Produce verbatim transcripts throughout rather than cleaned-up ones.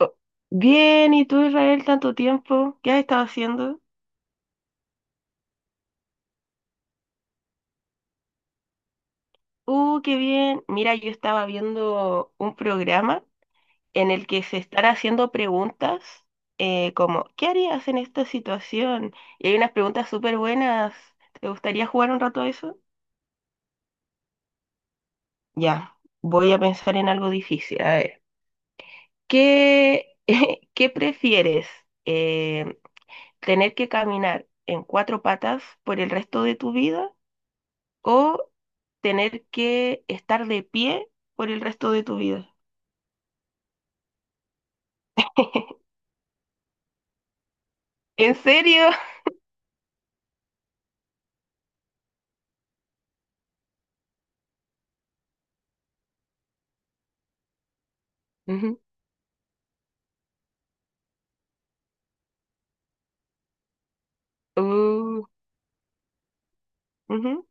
Oh, bien, ¿y tú, Israel, tanto tiempo? ¿Qué has estado haciendo? Uh, qué bien. Mira, yo estaba viendo un programa en el que se están haciendo preguntas eh, como, ¿qué harías en esta situación? Y hay unas preguntas súper buenas. ¿Te gustaría jugar un rato a eso? Ya, voy a pensar en algo difícil. A ver, ¿qué, qué prefieres? Eh, ¿Tener que caminar en cuatro patas por el resto de tu vida o tener que estar de pie por el resto de tu vida? ¿En serio? Ujú. Uh, Ujú.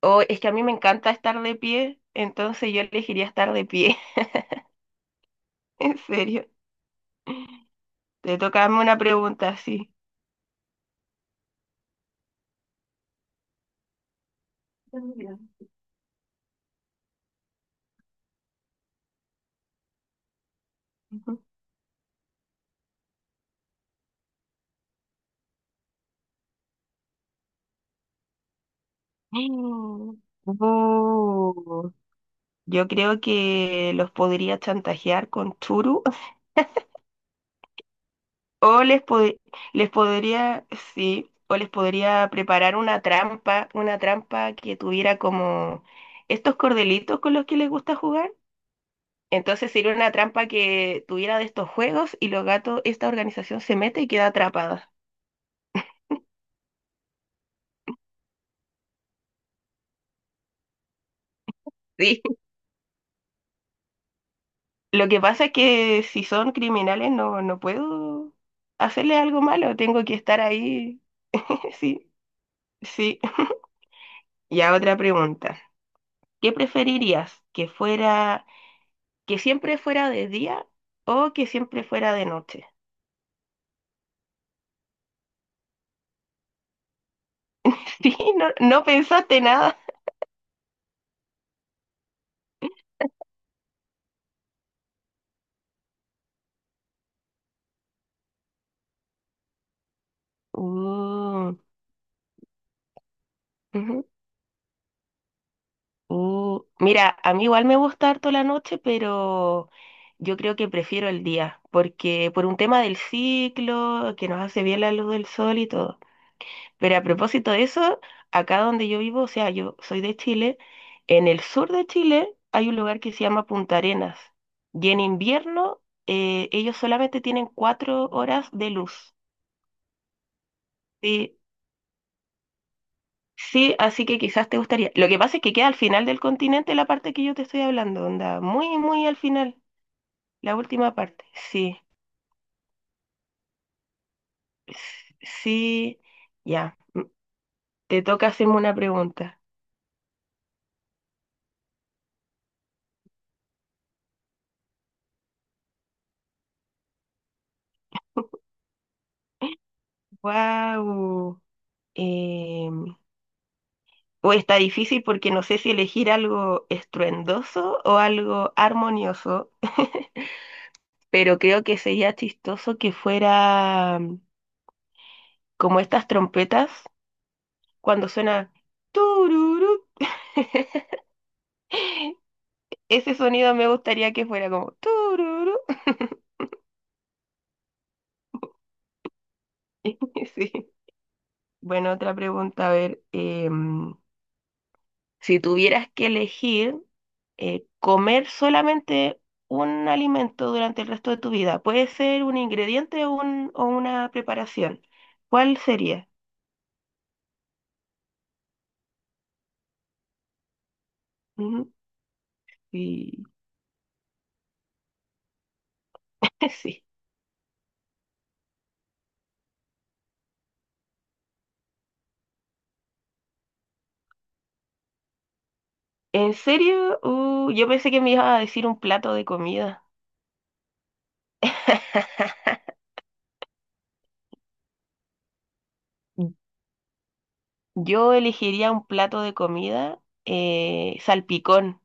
O es que a mí me encanta estar de pie, entonces yo elegiría estar de pie. En serio. Te toca darme una pregunta así. Ujú. Uh, yo creo que los podría chantajear con Churu. O les, pod- les podría, Sí, o les podría preparar una trampa, una trampa que tuviera como estos cordelitos con los que les gusta jugar. Entonces sería una trampa que tuviera de estos juegos y los gatos, esta organización se mete y queda atrapada. Sí. Lo que pasa es que si son criminales no, no puedo hacerle algo malo, tengo que estar ahí. Sí, sí. Ya otra pregunta. ¿Qué preferirías? ¿Que fuera que siempre fuera de día o que siempre fuera de noche? Sí, no, no pensaste nada. Uh, ujú, uh. Mira, a mí igual me gusta harto la noche, pero yo creo que prefiero el día, porque por un tema del ciclo, que nos hace bien la luz del sol y todo. Pero a propósito de eso, acá donde yo vivo, o sea, yo soy de Chile, en el sur de Chile hay un lugar que se llama Punta Arenas y en invierno eh, ellos solamente tienen cuatro horas de luz. Sí, sí, así que quizás te gustaría. Lo que pasa es que queda al final del continente la parte que yo te estoy hablando, onda, muy, muy al final, la última parte. Sí, s- sí, ya. mm, Te toca hacerme una pregunta. Wow. Uy, está difícil porque no sé si elegir algo estruendoso o algo armonioso, pero creo que sería chistoso que fuera mm, como estas trompetas cuando suena tururú. Ese sonido me gustaría que fuera como tururú. Sí. Bueno, otra pregunta, a ver, em, si tuvieras que elegir eh, comer solamente un alimento durante el resto de tu vida. Puede ser un ingrediente o, un- o una preparación. ¿Cuál sería? Ujú. Y sí. ¿En serio? Uh, yo pensé que me iba a decir un plato de comida. Yo elegiría un plato de comida eh, salpicón.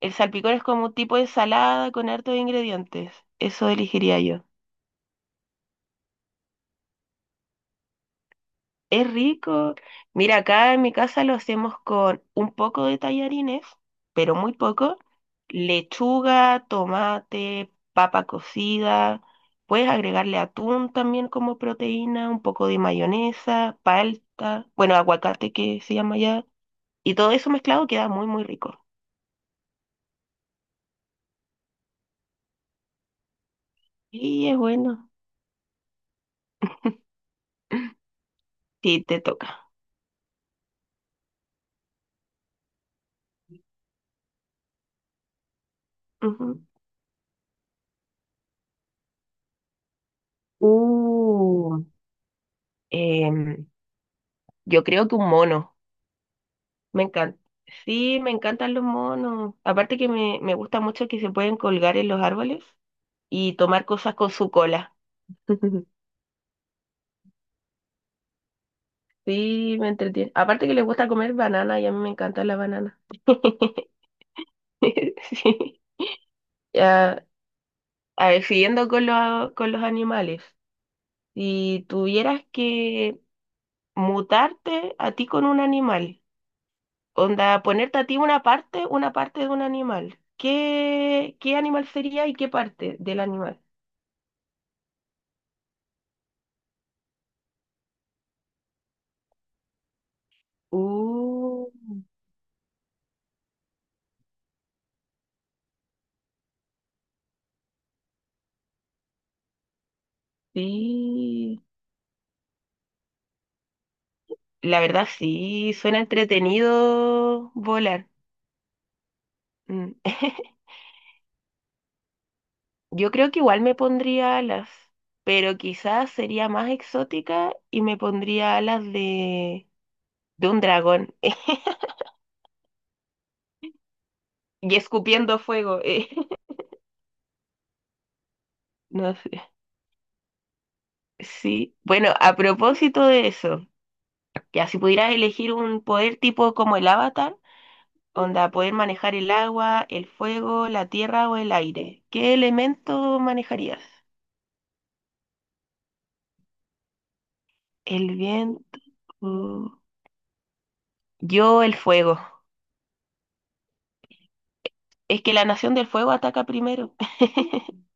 El salpicón es como un tipo de ensalada con hartos ingredientes. Eso elegiría yo. Es rico. Mira, acá en mi casa lo hacemos con un poco de tallarines, pero muy poco. Lechuga, tomate, papa cocida. Puedes agregarle atún también como proteína, un poco de mayonesa, palta, bueno, aguacate que se llama ya. Y todo eso mezclado queda muy, muy rico. Y es bueno. Sí, te toca. Ujú. Uh, em, yo creo que un mono. Me encanta. Sí, me encantan los monos. Aparte que me, me gusta mucho que se pueden colgar en los árboles y tomar cosas con su cola. Sí, me entretiene. Aparte que les gusta comer banana y a mí me encanta la banana. Sí. Ya, a ver, siguiendo con los, con los animales. Si tuvieras que mutarte a ti con un animal, onda, ponerte a ti una parte, una parte de un animal, ¿qué, qué animal sería y qué parte del animal? Uh, sí. La verdad sí, suena entretenido volar. Mm. Yo creo que igual me pondría alas, pero quizás sería más exótica y me pondría alas de, de, un dragón y escupiendo fuego. eh. No sé. Sí. Bueno, a propósito de eso, ya si pudieras elegir un poder tipo como el Avatar, onda, poder manejar el agua, el fuego, la tierra o el aire. ¿Qué elemento manejarías? El viento. mm, Yo el fuego. Es que la nación del fuego ataca primero.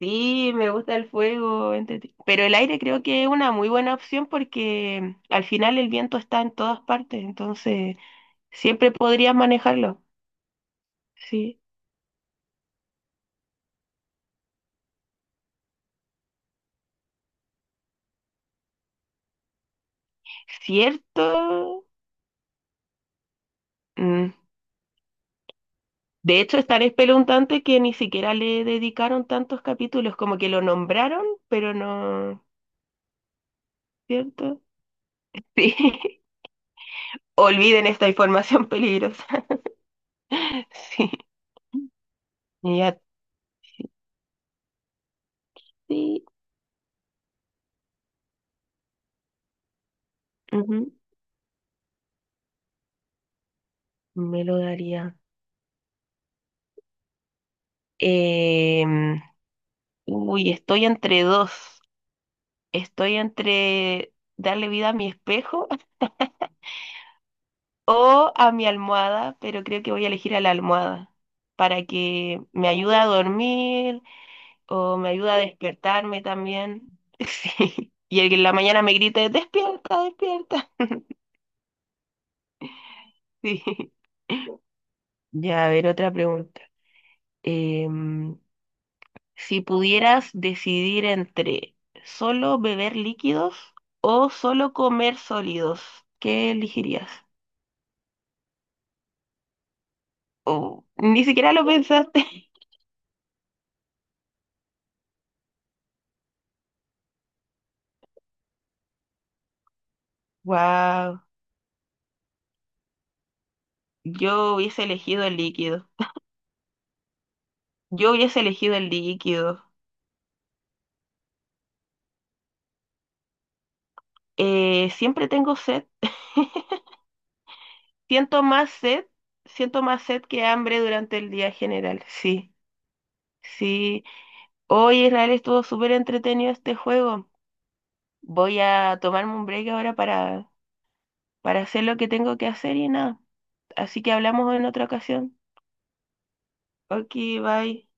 Sí, me gusta el fuego, entretí- pero el aire creo que es una muy buena opción porque al final el viento está en todas partes, entonces siempre podrías manejarlo. Sí. ¿Cierto? Mm. De hecho, es tan espeluznante que ni siquiera le dedicaron tantos capítulos, como que lo nombraron, pero no, ¿cierto? Sí. Olviden esta información peligrosa. Sí. Y a ti, ujú, me lo daría. Em, uy, estoy entre dos. Estoy entre darle vida a mi espejo o a mi almohada, pero creo que voy a elegir a la almohada para que me ayude a dormir, o me ayuda a despertarme también. Sí. Y el que en la mañana me grite, despierta, despierta. Sí. Ya, a ver, otra pregunta. Em, si pudieras decidir entre solo beber líquidos o solo comer sólidos, ¿qué elegirías? Oh, ni siquiera lo pensaste. Wow, yo hubiese elegido el líquido. Yo hubiese elegido el líquido. Eh, siempre tengo sed. Siento más sed, siento más sed que hambre durante el día general. Sí, sí. Hoy Israel estuvo súper entretenido este juego. Voy a tomarme un break ahora para, para hacer lo que tengo que hacer y nada. Así que hablamos en otra ocasión. Ok, bye.